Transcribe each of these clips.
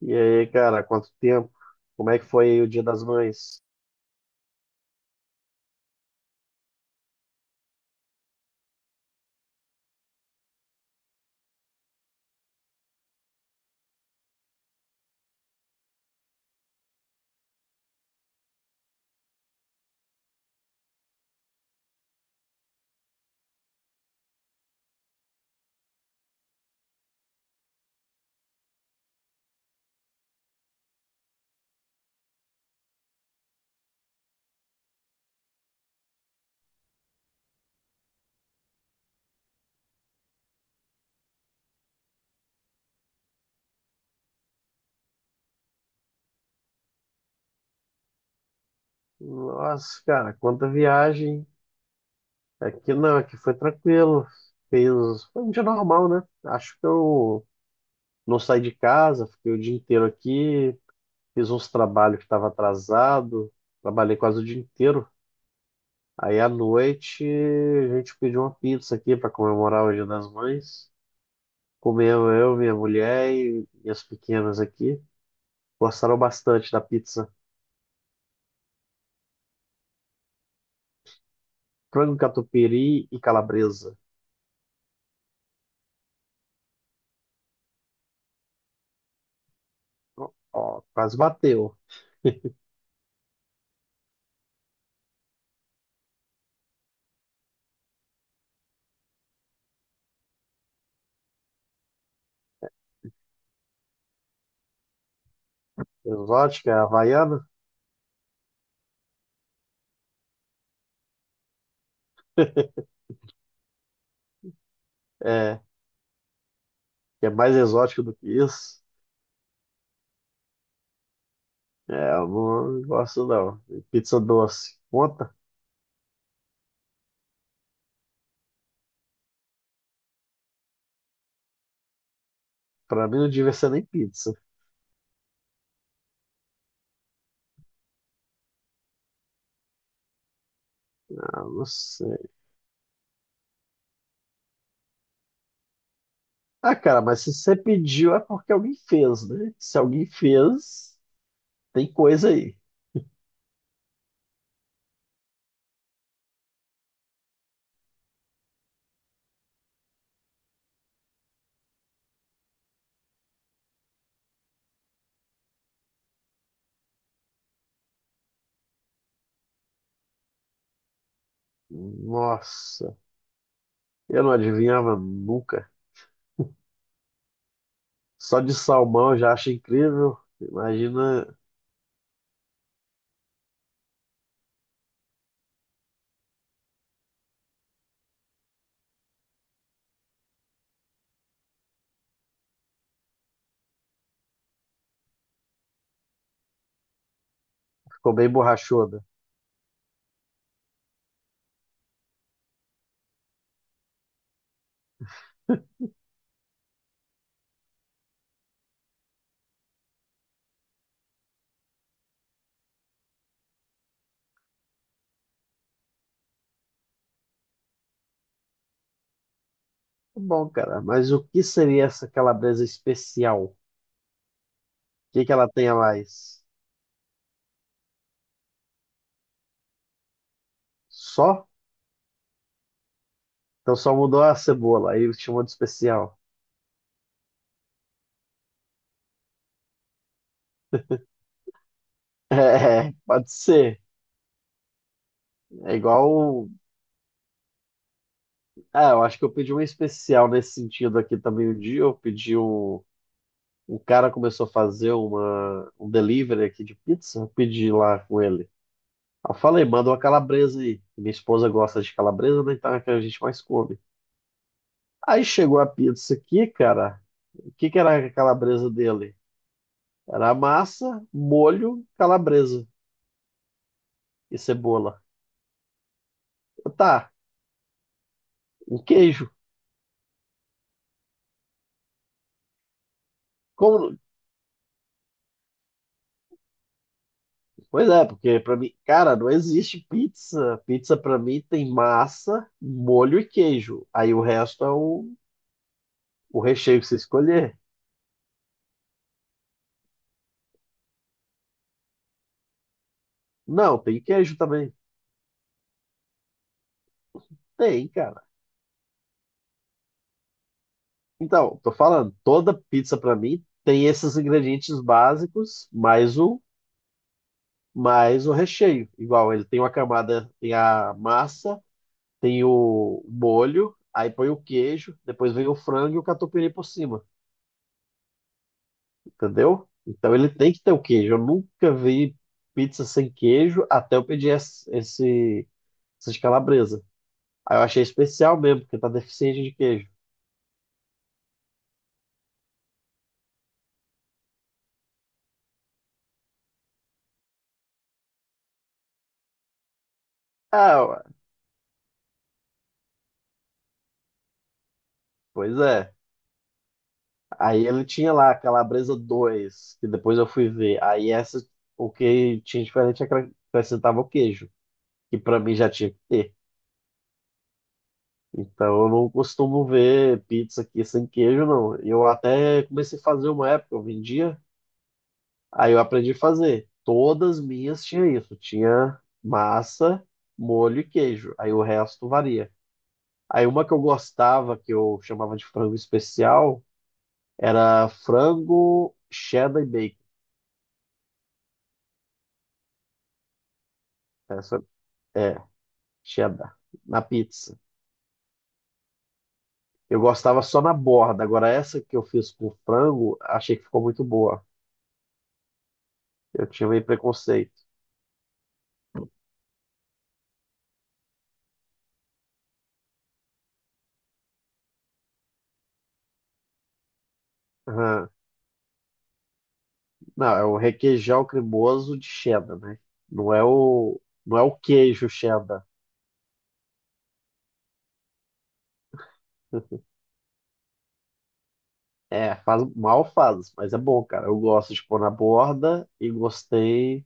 E aí, cara, quanto tempo? Como é que foi aí o Dia das Mães? Nossa, cara, quanta viagem. Aqui não, aqui foi tranquilo. Foi um dia normal, né? Acho que eu não saí de casa, fiquei o dia inteiro aqui, fiz uns trabalhos que estava atrasado, trabalhei quase o dia inteiro. Aí à noite a gente pediu uma pizza aqui para comemorar o Dia das Mães. Comeu eu, minha mulher e minhas pequenas aqui. Gostaram bastante da pizza. Frango catupiry e calabresa. Ó, quase bateu. Exótica, havaiana? É, que é mais exótico do que isso. É, eu não gosto não. E pizza doce. Conta? Pra mim não devia ser nem pizza. Ah, não sei. Ah, cara, mas se você pediu é porque alguém fez, né? Se alguém fez, tem coisa aí. Nossa, eu não adivinhava nunca. Só de salmão eu já acho incrível. Imagina, ficou bem borrachuda. Tá bom, cara, mas o que seria essa calabresa especial? O que que ela tem a mais? Só? Então só mudou a cebola, aí chamou de especial. É, pode ser. É igual. o- Ah, eu acho que eu pedi um especial nesse sentido aqui também um dia. Eu pedi um. O cara começou a fazer um delivery aqui de pizza. Eu pedi lá com ele. Eu falei, manda uma calabresa aí. Minha esposa gosta de calabresa, né? Então é a que a gente mais come. Aí chegou a pizza aqui, cara. O que que era a calabresa dele? Era massa, molho, calabresa e cebola. Tá, um queijo. Como... Pois é, porque pra mim, cara, não existe pizza. Pizza pra mim tem massa, molho e queijo. Aí o resto é o recheio que você escolher. Não, tem queijo também. Tem, cara. Então, tô falando, toda pizza pra mim tem esses ingredientes básicos, mais o recheio. Igual, ele tem uma camada, tem a massa, tem o molho, aí põe o queijo, depois vem o frango e o catupiry por cima, entendeu? Então ele tem que ter o queijo. Eu nunca vi pizza sem queijo até eu pedir essas calabresas. Aí eu achei especial mesmo, porque tá deficiente de queijo. Ah, ué, pois é. Aí ele tinha lá a calabresa 2 que depois eu fui ver. Aí essa, o que tinha diferente é que ela acrescentava o queijo, que pra mim já tinha que ter. Então eu não costumo ver pizza aqui sem queijo, não. Eu até comecei a fazer uma época, eu vendia, aí eu aprendi a fazer. Todas minhas tinha isso, tinha massa, molho e queijo. Aí o resto varia. Aí uma que eu gostava, que eu chamava de frango especial, era frango cheddar e bacon. Essa é cheddar na pizza. Eu gostava só na borda. Agora essa que eu fiz com frango, achei que ficou muito boa. Eu tinha meio preconceito. Aham. Não, é o requeijão cremoso de cheddar, né? Não é o, não é o queijo cheddar. É, faz mal faz, mas é bom, cara. Eu gosto de pôr na borda e gostei.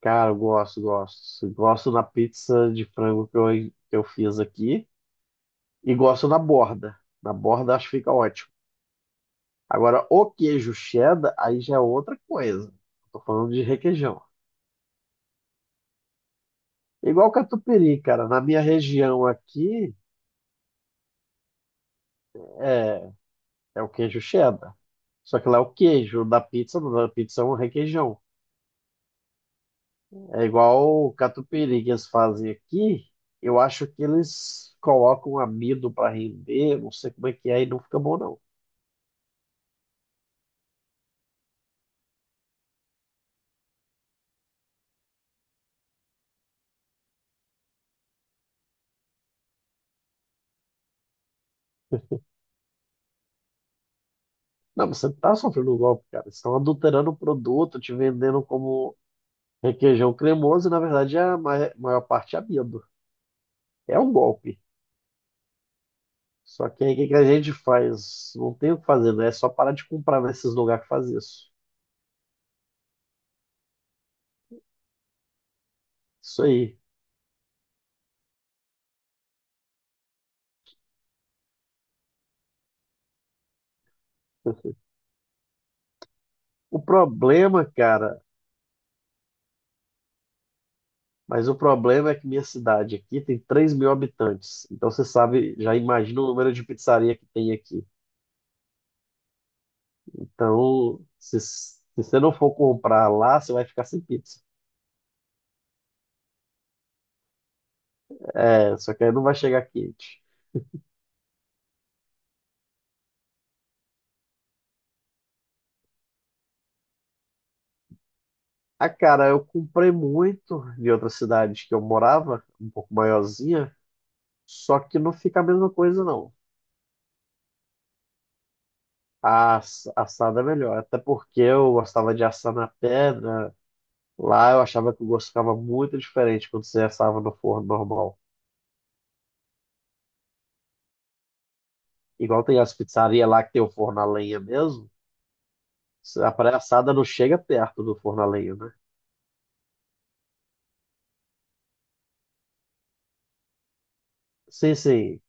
Cara, eu gosto, gosto. Gosto na pizza de frango que eu fiz aqui e gosto na borda. Na borda acho que fica ótimo. Agora, o queijo cheddar, aí já é outra coisa. Tô falando de requeijão. Igual catupiry, cara. Na minha região aqui, é, é o queijo cheddar. Só que lá é o queijo da pizza é um requeijão. É igual o catupiry que eles fazem aqui. Eu acho que eles colocam amido para render, não sei como é que é, e não fica bom, não. Não, você tá sofrendo um golpe, cara. Eles estão adulterando o produto, te vendendo como requeijão cremoso, e na verdade a maior parte é amido. É um golpe. Só que aí o que que a gente faz? Não tem o que fazer, né? É só parar de comprar nesses lugares que faz isso. Isso aí. O problema, cara. Mas o problema é que minha cidade aqui tem 3.000 habitantes. Então você sabe, já imagina o número de pizzaria que tem aqui. Então, se você não for comprar lá, você vai ficar sem pizza. É, só que aí não vai chegar quente. Ah, cara, eu comprei muito de outra cidade que eu morava, um pouco maiorzinha, só que não fica a mesma coisa, não. A assada é melhor, até porque eu gostava de assar na pedra. Lá eu achava que o gosto ficava muito diferente quando você assava no forno normal. Igual tem as pizzarias lá que tem o forno a lenha mesmo. A praia assada não chega perto do forno a lenha, né? Sim, sim.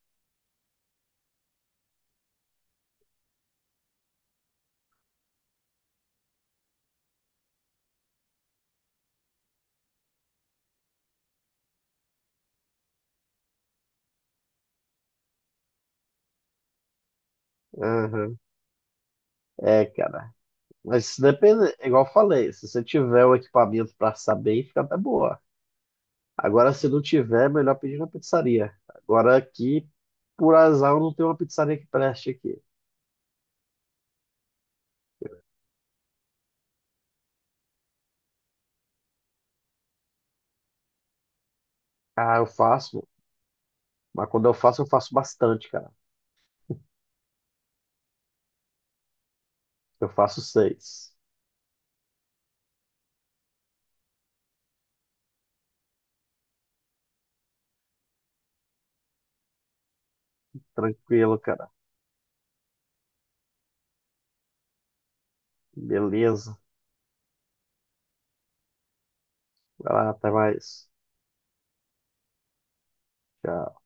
Aham. É, cara. Mas se depende, é igual eu falei, se você tiver o equipamento pra saber, fica até boa. Agora, se não tiver, é melhor pedir na pizzaria. Agora aqui, por azar, eu não tenho uma pizzaria que preste aqui. Ah, eu faço, mas quando eu faço bastante, cara. Eu faço seis. Tranquilo, cara. Beleza. Vai lá, até mais. Tchau.